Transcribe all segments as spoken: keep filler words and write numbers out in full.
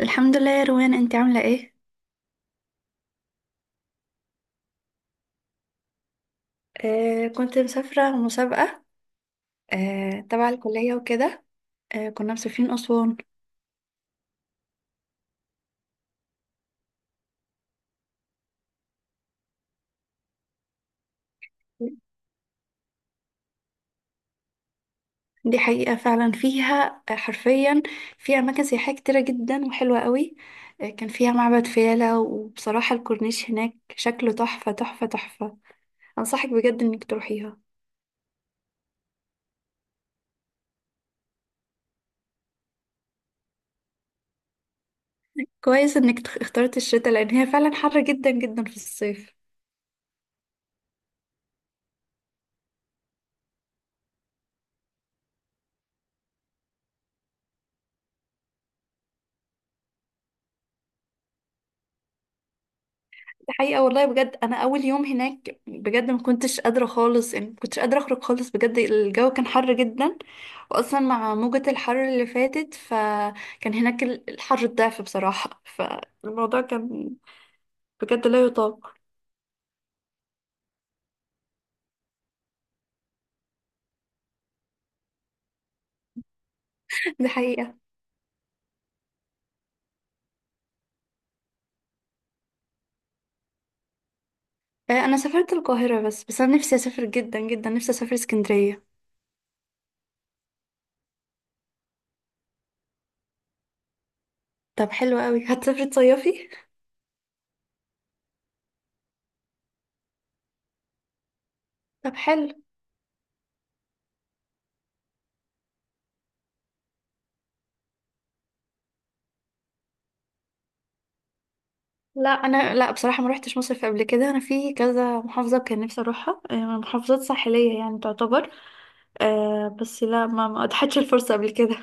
الحمد لله يا روان، انت عاملة ايه؟ آه، كنت مسافرة مسابقة. آه تبع الكلية وكده. آه كنا مسافرين أسوان. دي حقيقة فعلا، فيها آه حرفيا فيها أماكن سياحية كتيرة جدا وحلوة قوي. آه كان فيها معبد فيلة، وبصراحة الكورنيش هناك شكله تحفة تحفة تحفة. أنصحك بجد إنك تروحيها. كويس إنك تخ- اخترت الشتاء، لأن هي فعلا حر جدا جدا في الصيف. دي حقيقة والله، بجد أنا أول يوم هناك بجد ما كنتش قادرة خالص، يعني ما كنتش قادرة أخرج خالص، بجد الجو كان حر جدا. وأصلا مع موجة الحر اللي فاتت فكان هناك ال- الحر الضعف بصراحة، فالموضوع كان بجد لا يطاق. دي حقيقة. آه، أنا سافرت القاهرة بس. بس أنا نفسي أسافر جدا جدا، نفسي أسافر اسكندرية. طب حلو قوي، هتسافري تصيفي؟ طب حلو. لا، انا لا بصراحه ما روحتش مصيف قبل كده، انا في كذا محافظه كان نفسي اروحها، آه، محافظات ساحليه يعني تعتبر. آه بس لا، ما ما اتحدش الفرصة قبل كده.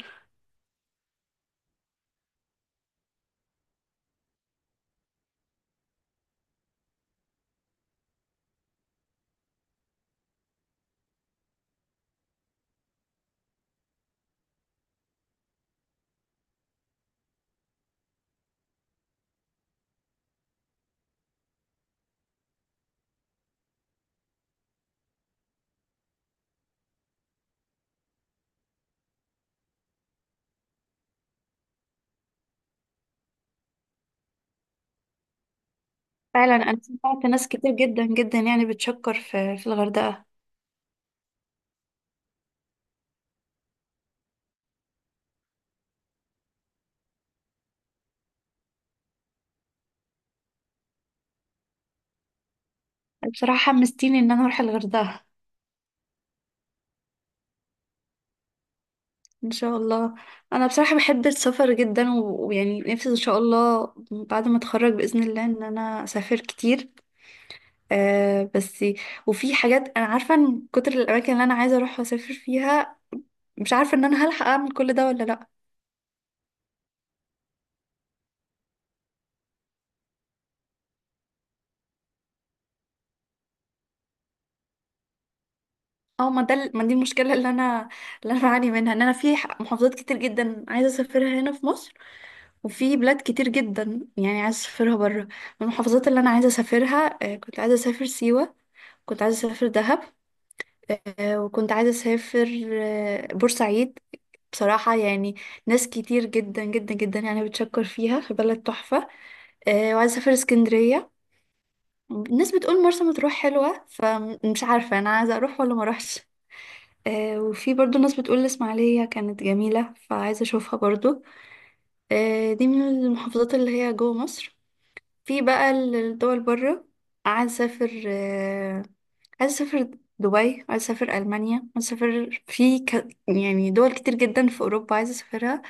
فعلا انا سمعت ناس كتير جدا جدا يعني بتشكر في في الغردقة. بصراحة حمستيني ان انا اروح الغردقة. ان شاء الله. انا بصراحة بحب السفر جدا و- ويعني نفسي ان شاء الله بعد ما اتخرج بإذن الله ان انا اسافر كتير. آه بس وفي حاجات انا عارفة ان كتر الاماكن اللي انا عايزة اروح واسافر فيها، مش عارفة ان انا هلحق اعمل كل ده ولا لا. اه ما ده ال- ما دي المشكله اللي انا اللي انا بعاني منها، ان انا في ح- محافظات كتير جدا عايزه اسافرها هنا في مصر، وفي بلاد كتير جدا يعني عايزه اسافرها بره. من المحافظات اللي انا عايزه اسافرها، آه، كنت عايزه اسافر سيوه، كنت عايزه اسافر دهب، آه، وكنت عايزه اسافر آه، بورسعيد. بصراحه يعني ناس كتير جدا جدا جدا يعني بتشكر فيها، في بلد تحفه. آه، وعايزه اسافر اسكندريه. الناس بتقول مرسى مطروح حلوه، فمش عارفه انا عايزه اروح ولا ما اروحش. آه وفي برضو ناس بتقول الإسماعيلية كانت جميلة، فعايزة أشوفها برضو. آه دي من المحافظات اللي هي جوه مصر. في بقى الدول بره، عايزة أسافر، آه عايزة أسافر دبي، عايزة أسافر ألمانيا، عايزة أسافر في ك... يعني دول كتير جدا في أوروبا عايزة أسافرها.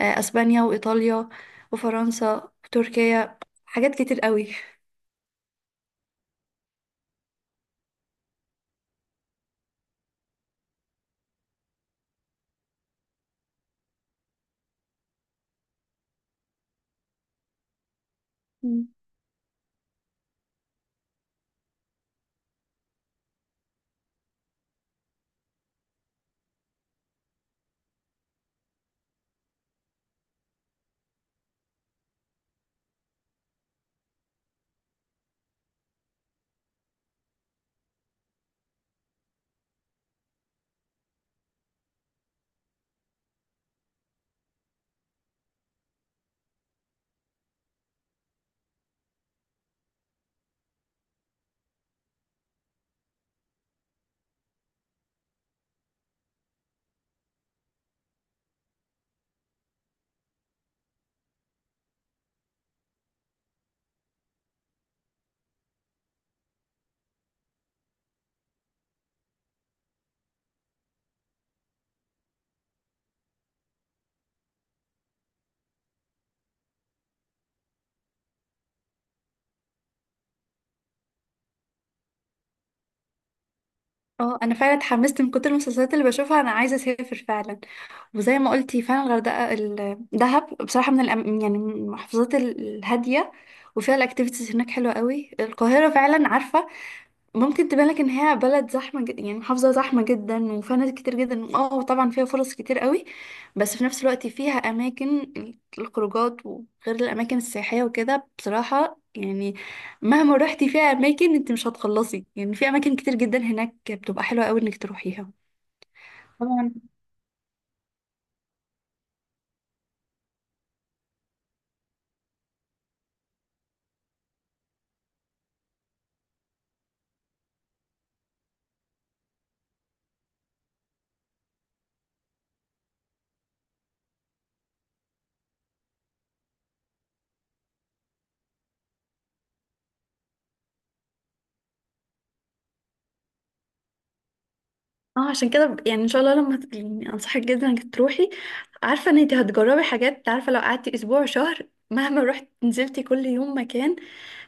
آه أسبانيا وإيطاليا وفرنسا وتركيا، حاجات كتير قوي. اه انا فعلا اتحمست من كتر المسلسلات اللي بشوفها، انا عايزه اسافر فعلا. وزي ما قلتي فعلا الغردقه، ال- دهب بصراحه من الأم... يعني من المحافظات ال- الهاديه، وفيها الاكتيفيتيز هناك حلوه قوي. القاهره فعلا عارفه ممكن تبان لك ان هي بلد زحمه جدا، يعني محافظه زحمه جدا وفيها ناس كتير جدا. اه طبعا فيها فرص كتير قوي، بس في نفس الوقت فيها اماكن الخروجات، وغير الاماكن السياحيه وكده. بصراحه يعني مهما روحتي فيها اماكن انت مش هتخلصي، يعني في اماكن كتير جدا هناك بتبقى حلوه قوي انك تروحيها. طبعا. اه عشان كده، ب- يعني ان شاء الله لما ت- يعني انصحك جدا انك تروحي. عارفه ان انت هتجربي حاجات، عارفه لو قعدتي اسبوع شهر مهما رحت نزلتي كل يوم مكان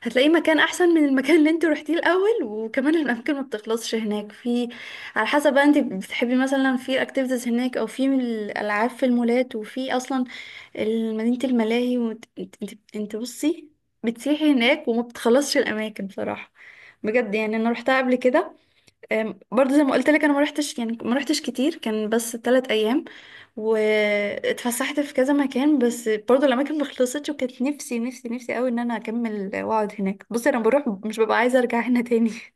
هتلاقي مكان احسن من المكان اللي انت روحتيه الاول. وكمان الاماكن ما بتخلصش هناك، في على حسب بقى انت بتحبي مثلا في اكتيفيتيز هناك، او في الالعاب في المولات، وفي اصلا ال- مدينه الملاهي. وانت انت, انت انت بصي، بتسيحي هناك وما بتخلصش الاماكن بصراحه. بجد يعني انا روحتها قبل كده. أم، برضه زي ما قلت لك، انا ما رحتش، يعني ما رحتش كتير، كان بس ثلاث ايام، واتفسحت في كذا مكان، بس برضه الاماكن ما خلصتش، وكانت نفسي نفسي نفسي قوي ان انا اكمل واقعد هناك. بصي، انا بروح مش ببقى عايزه ارجع هنا تاني.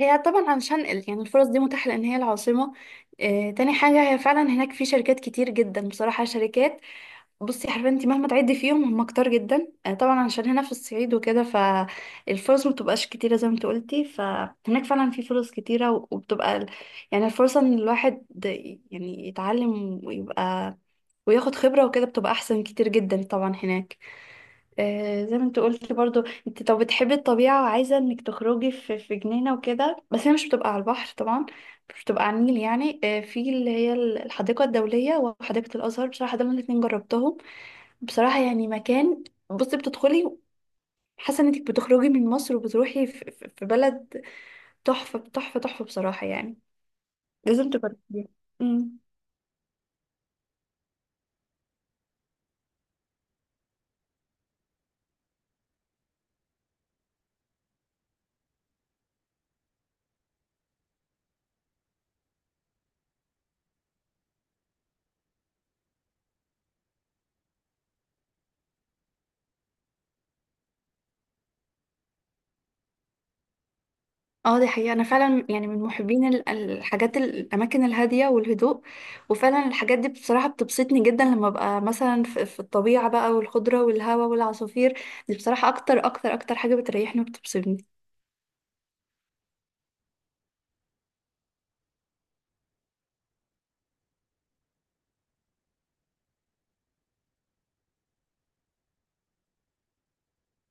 هي طبعا علشان ال- يعني الفرص دي متاحه لان هي العاصمه. آه، تاني حاجه، هي فعلا هناك في شركات كتير جدا بصراحه شركات، بصي حرفيا انت مهما تعدي فيهم هم كتار جدا. آه، طبعا عشان هنا في الصعيد وكده فالفرص ما بتبقاش كتيره زي ما انت قلتي، فهناك فعلا في فرص كتيره. و- وبتبقى ال- يعني الفرصه ان الواحد ي- يعني يتعلم ويبقى وياخد خبره وكده بتبقى احسن كتير جدا طبعا هناك. آه، زي ما انت قلتي برضو، انت طب بتحبي الطبيعه وعايزه انك تخرجي في في جنينه وكده، بس هي مش بتبقى على البحر طبعا، مش بتبقى على النيل. يعني آه، في اللي هي الحديقه الدوليه وحديقه الازهر، بصراحه دول الاتنين جربتهم. بصراحة يعني مكان، بصي بتدخلي حاسة انك بتخرجي من مصر وبتروحي في في- في بلد تحفة تحفة تحفة، بصراحة يعني لازم تجربيها. أمم. اه دي حقيقة، انا فعلا يعني من محبين ال- الحاجات ال- الاماكن الهادية والهدوء. وفعلا الحاجات دي بصراحة بتبسطني جدا، لما ببقى مثلا في في الطبيعة بقى، والخضرة والهواء والعصافير، دي بصراحة اكتر اكتر اكتر حاجة بتريحني وبتبسطني.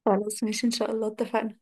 خلاص ماشي، ان شاء الله اتفقنا.